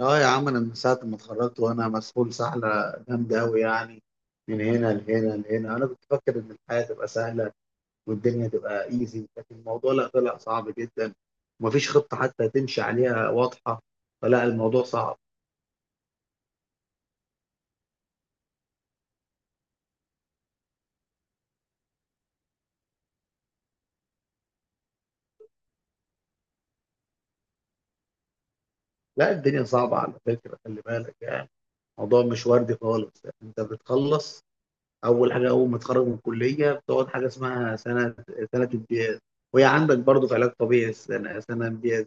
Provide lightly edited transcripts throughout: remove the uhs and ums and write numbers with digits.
اه يا عم، انا من ساعه ما اتخرجت وانا مسحول سحله جامده قوي يعني. من هنا لهنا. انا كنت فاكر ان الحياه تبقى سهله والدنيا تبقى ايزي، لكن الموضوع لا، طلع صعب جدا، ومفيش خطه حتى تمشي عليها واضحه. فلا، الموضوع صعب. لا، الدنيا صعبه على فكره، خلي بالك يعني. الموضوع مش وردي خالص. انت بتخلص، اول حاجه اول ما تتخرج من الكليه بتقعد حاجه اسمها سنه امتياز. وهي عندك برضه في علاج طبيعي، السنه سنه امتياز.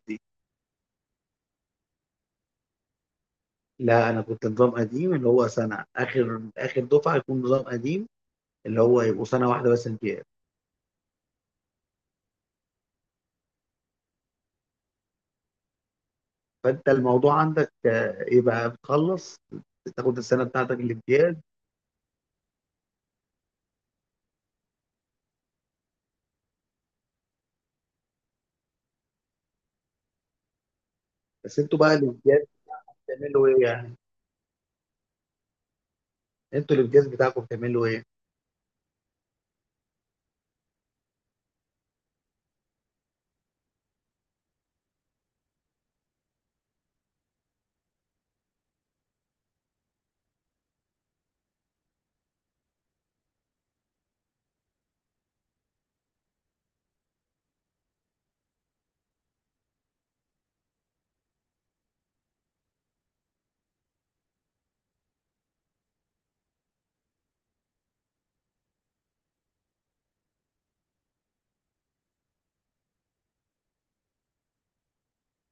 لا، انا كنت نظام قديم، اللي هو سنه، اخر دفعه يكون نظام قديم، اللي هو يبقوا سنه واحده بس امتياز. فانت الموضوع عندك يبقى بتخلص، تاخد السنه بتاعتك الامتياز. بس انتوا بقى الامتياز بتعملوا ايه يعني؟ انتوا الامتياز بتاعكم بتعملوا ايه؟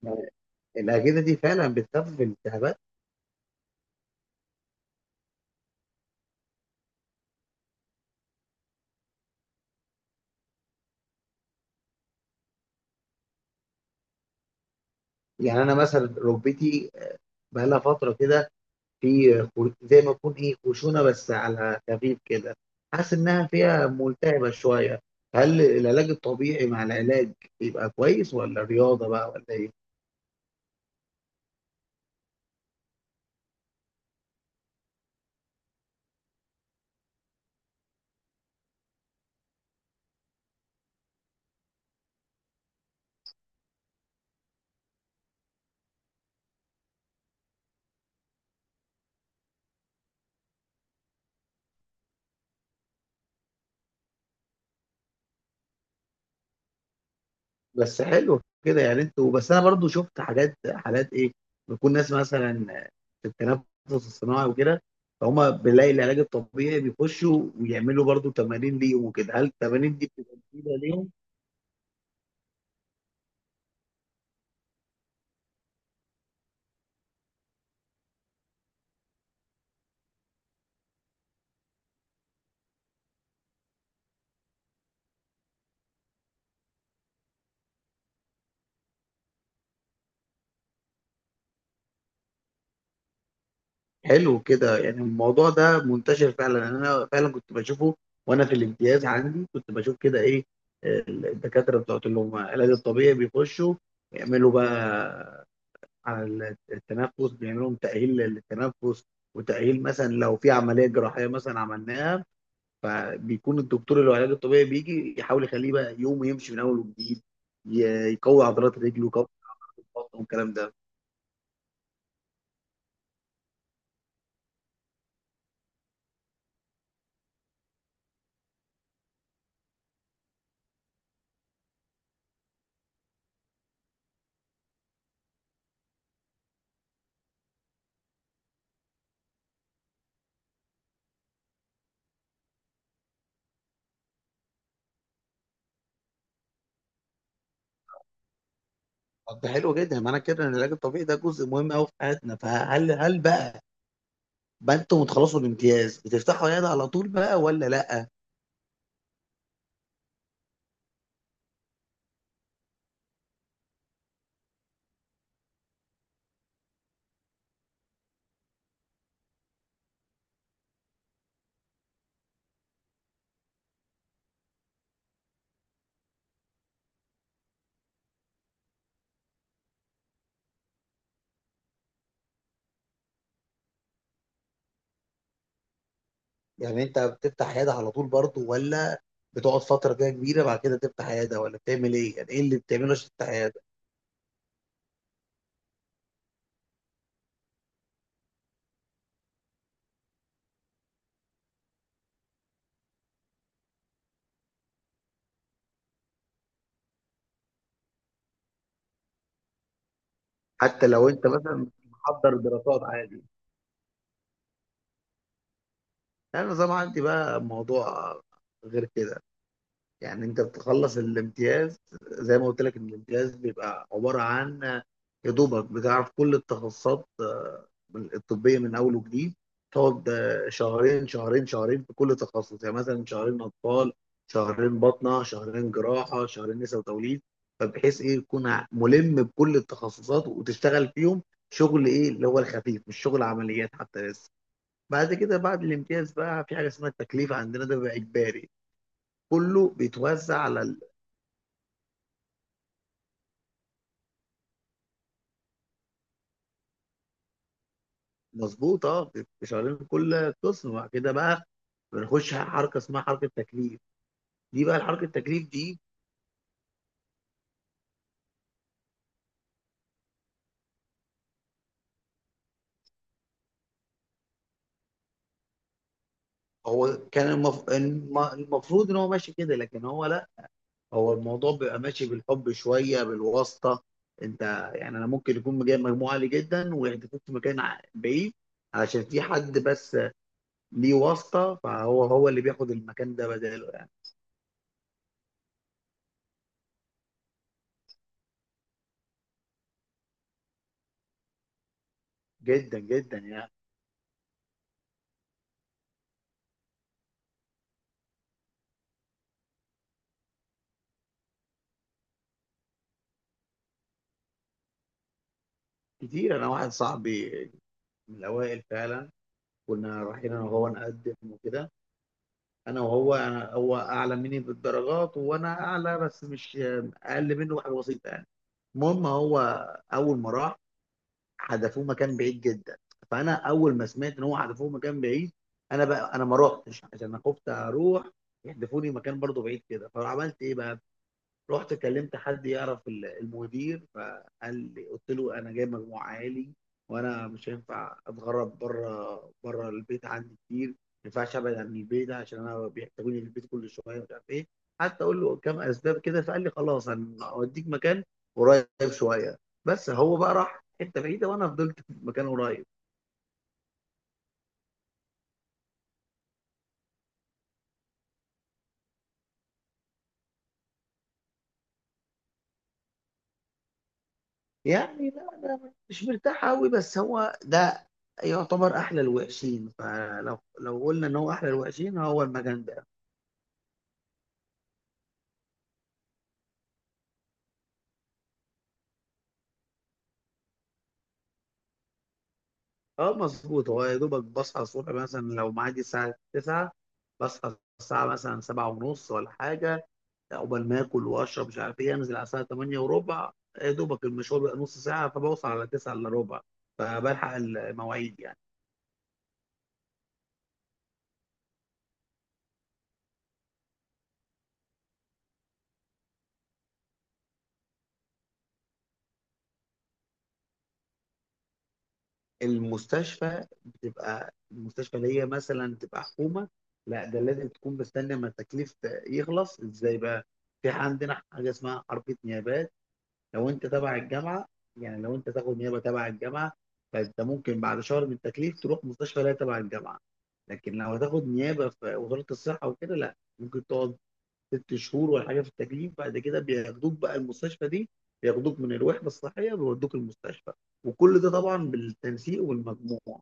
يعني الاجهزه دي فعلا بتخفف الالتهابات؟ يعني انا مثلا ركبتي بقى لها فتره كده، زي ما يكون ايه، خشونه بس على خفيف كده، حاسس انها فيها ملتهبه شويه. هل العلاج الطبيعي مع العلاج يبقى كويس، ولا رياضه بقى، ولا ايه؟ بس حلو كده يعني انتوا. بس انا برضو شفت حاجات، حالات ايه، بيكون ناس مثلا في التنفس الصناعي وكده، فهم بيلاقي العلاج الطبيعي بيخشوا ويعملوا برضو تمارين ليهم وكده. هل التمارين دي بتبقى مفيده ليهم؟ حلو كده، يعني الموضوع ده منتشر فعلا. يعني انا فعلا كنت بشوفه، وانا في الامتياز عندي كنت بشوف كده ايه، الدكاتره بتوع اللي هم العلاج الطبيعي بيخشوا يعملوا بقى على التنفس، بيعملوا لهم تاهيل للتنفس، وتاهيل مثلا لو في عمليه جراحيه مثلا عملناها، فبيكون الدكتور اللي هو العلاج الطبيعي بيجي يحاول يخليه بقى يوم يمشي من اول وجديد، ي- يقوي عضلات رجله، يقوي عضلات بطنه، والكلام ده. طب ده حلو جدا. معنى كده ان العلاج الطبيعي ده جزء مهم قوي في حياتنا. فهل بقى انتوا بتخلصوا الامتياز بتفتحوا عياده على طول بقى، ولا لا؟ يعني انت بتفتح عياده على طول برضه، ولا بتقعد فتره كده كبيره بعد كده تفتح عياده، ولا بتعمل ايه؟ يعني ايه اللي بتعمله عشان تفتح عياده؟ حتى لو انت مثلا محضر دراسات عادي. انا زي ما عندي بقى موضوع غير كده، يعني انت بتخلص الامتياز، زي ما قلت لك ان الامتياز بيبقى عباره عن، يا دوبك بتعرف كل التخصصات الطبيه من اول وجديد. تقعد شهرين شهرين شهرين في كل تخصص، يعني مثلا شهرين اطفال، شهرين باطنه، شهرين جراحه، شهرين نساء وتوليد، فبحيث ايه تكون ملم بكل التخصصات وتشتغل فيهم شغل ايه اللي هو الخفيف، مش شغل عمليات حتى لسه. بعد كده بعد الامتياز بقى في حاجه اسمها التكليف، عندنا ده بقى اجباري، كله بيتوزع على، مظبوط اه، بيبقوا شغالين في كل قسم. وبعد كده بقى بنخش على حركه اسمها حركه تكليف. دي بقى الحركه التكليف دي، هو كان المفروض ان هو ماشي كده، لكن هو لا. هو الموضوع بيبقى ماشي بالحب شويه، بالواسطه. انت يعني، انا ممكن يكون جايب مجموعه عاليه جدا ويحدفوك في مكان بعيد، علشان في حد بس ليه واسطه، فهو هو اللي بياخد المكان ده بداله يعني. جدا جدا يعني. كتير. انا واحد صاحبي من الاوائل فعلا، كنا رايحين انا وهو نقدم وكده، انا وهو، أنا هو اعلى مني بالدرجات، وانا اعلى بس مش، اقل منه بحاجه بسيطه يعني. المهم، هو اول ما راح حدفوه مكان بعيد جدا. فانا اول ما سمعت ان هو حدفوه مكان بعيد، انا بقى انا ما رحتش، عشان انا خفت اروح يحدفوني مكان برضه بعيد كده. فعملت ايه بقى؟ رحت كلمت حد يعرف المدير، فقال لي، قلت له انا جاي مجموع عالي، وانا مش هينفع اتغرب، بره بره البيت عندي كتير، ما ينفعش ابعد عن البيت، عشان انا بيحتاجوني في البيت كل شويه، مش عارف ايه، حتى اقول له كام اسباب كده. فقال لي خلاص، انا اوديك مكان قريب شويه. بس هو بقى راح حته بعيده، وانا فضلت في مكان قريب. يعني لا، انا مش مرتاح قوي، بس هو ده يعتبر احلى الوحشين. فلو قلنا ان هو احلى الوحشين، هو المكان ده. اه مظبوط، هو يا دوبك بصحى الصبح مثلا، لو معادي الساعة 9 بصحى الساعة مثلا 7 ونص ولا حاجة، عقبال ما آكل وأشرب مش عارف إيه، أنزل على الساعة 8 وربع، يا دوبك المشوار بيبقى نص ساعة، فبوصل على 9 إلا ربع، فبلحق المواعيد يعني. المستشفى بتبقى المستشفى اللي هي مثلا تبقى حكومة، لا ده لازم تكون مستني. أما التكليف يخلص إزاي بقى؟ في عندنا حاجة اسمها حركة نيابات. لو انت تبع الجامعه، يعني لو انت تاخد نيابه تبع الجامعه، فانت ممكن بعد شهر من التكليف تروح مستشفى، لا تبع الجامعه. لكن لو هتاخد نيابه في وزاره الصحه وكده، لا، ممكن تقعد 6 شهور ولا حاجه في التكليف، بعد كده بياخدوك بقى المستشفى دي، بياخدوك من الوحده الصحيه بيودوك المستشفى. وكل ده طبعا بالتنسيق والمجموع.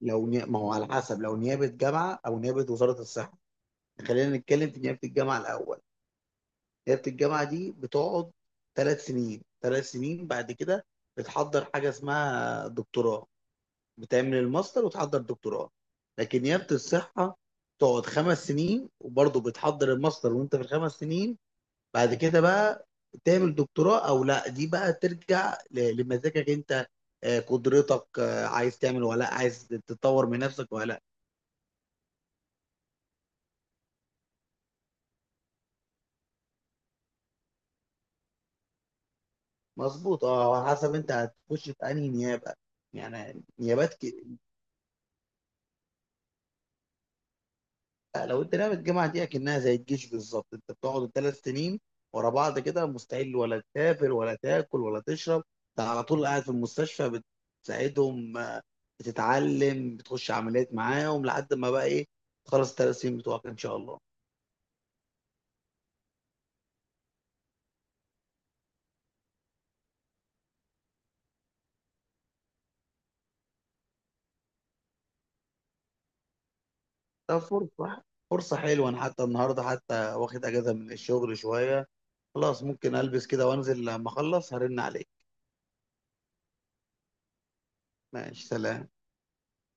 ما هو على حسب، لو نيابه جامعه او نيابه وزاره الصحه. خلينا نتكلم في نيابه الجامعه الاول. ليله الجامعه دي بتقعد 3 سنين، 3 سنين بعد كده بتحضر حاجه اسمها دكتوراه، بتعمل الماستر وتحضر دكتوراه. لكن نيابه الصحه تقعد 5 سنين، وبرضه بتحضر الماستر وانت في ال5 سنين. بعد كده بقى تعمل دكتوراه او لا، دي بقى ترجع لمزاجك انت، قدرتك، عايز تعمل ولا لا، عايز تطور من نفسك ولا لا. مظبوط اه، على حسب انت هتخش في انهي نيابه يعني، نيابات. لا، لو انت لعبة الجامعة دي اكنها زي الجيش بالظبط، انت بتقعد ال3 سنين ورا بعض كده، مستحيل ولا تسافر ولا تاكل ولا تشرب، انت على طول قاعد في المستشفى بتساعدهم، بتتعلم، بتخش عمليات معاهم، لحد ما بقى ايه، تخلص ال3 سنين بتوعك ان شاء الله. ده فرصة حلوة، انا حتى النهارده حتى واخد اجازة من الشغل شوية. خلاص ممكن البس كده وانزل، لما اخلص هرن عليك. ماشي، سلام.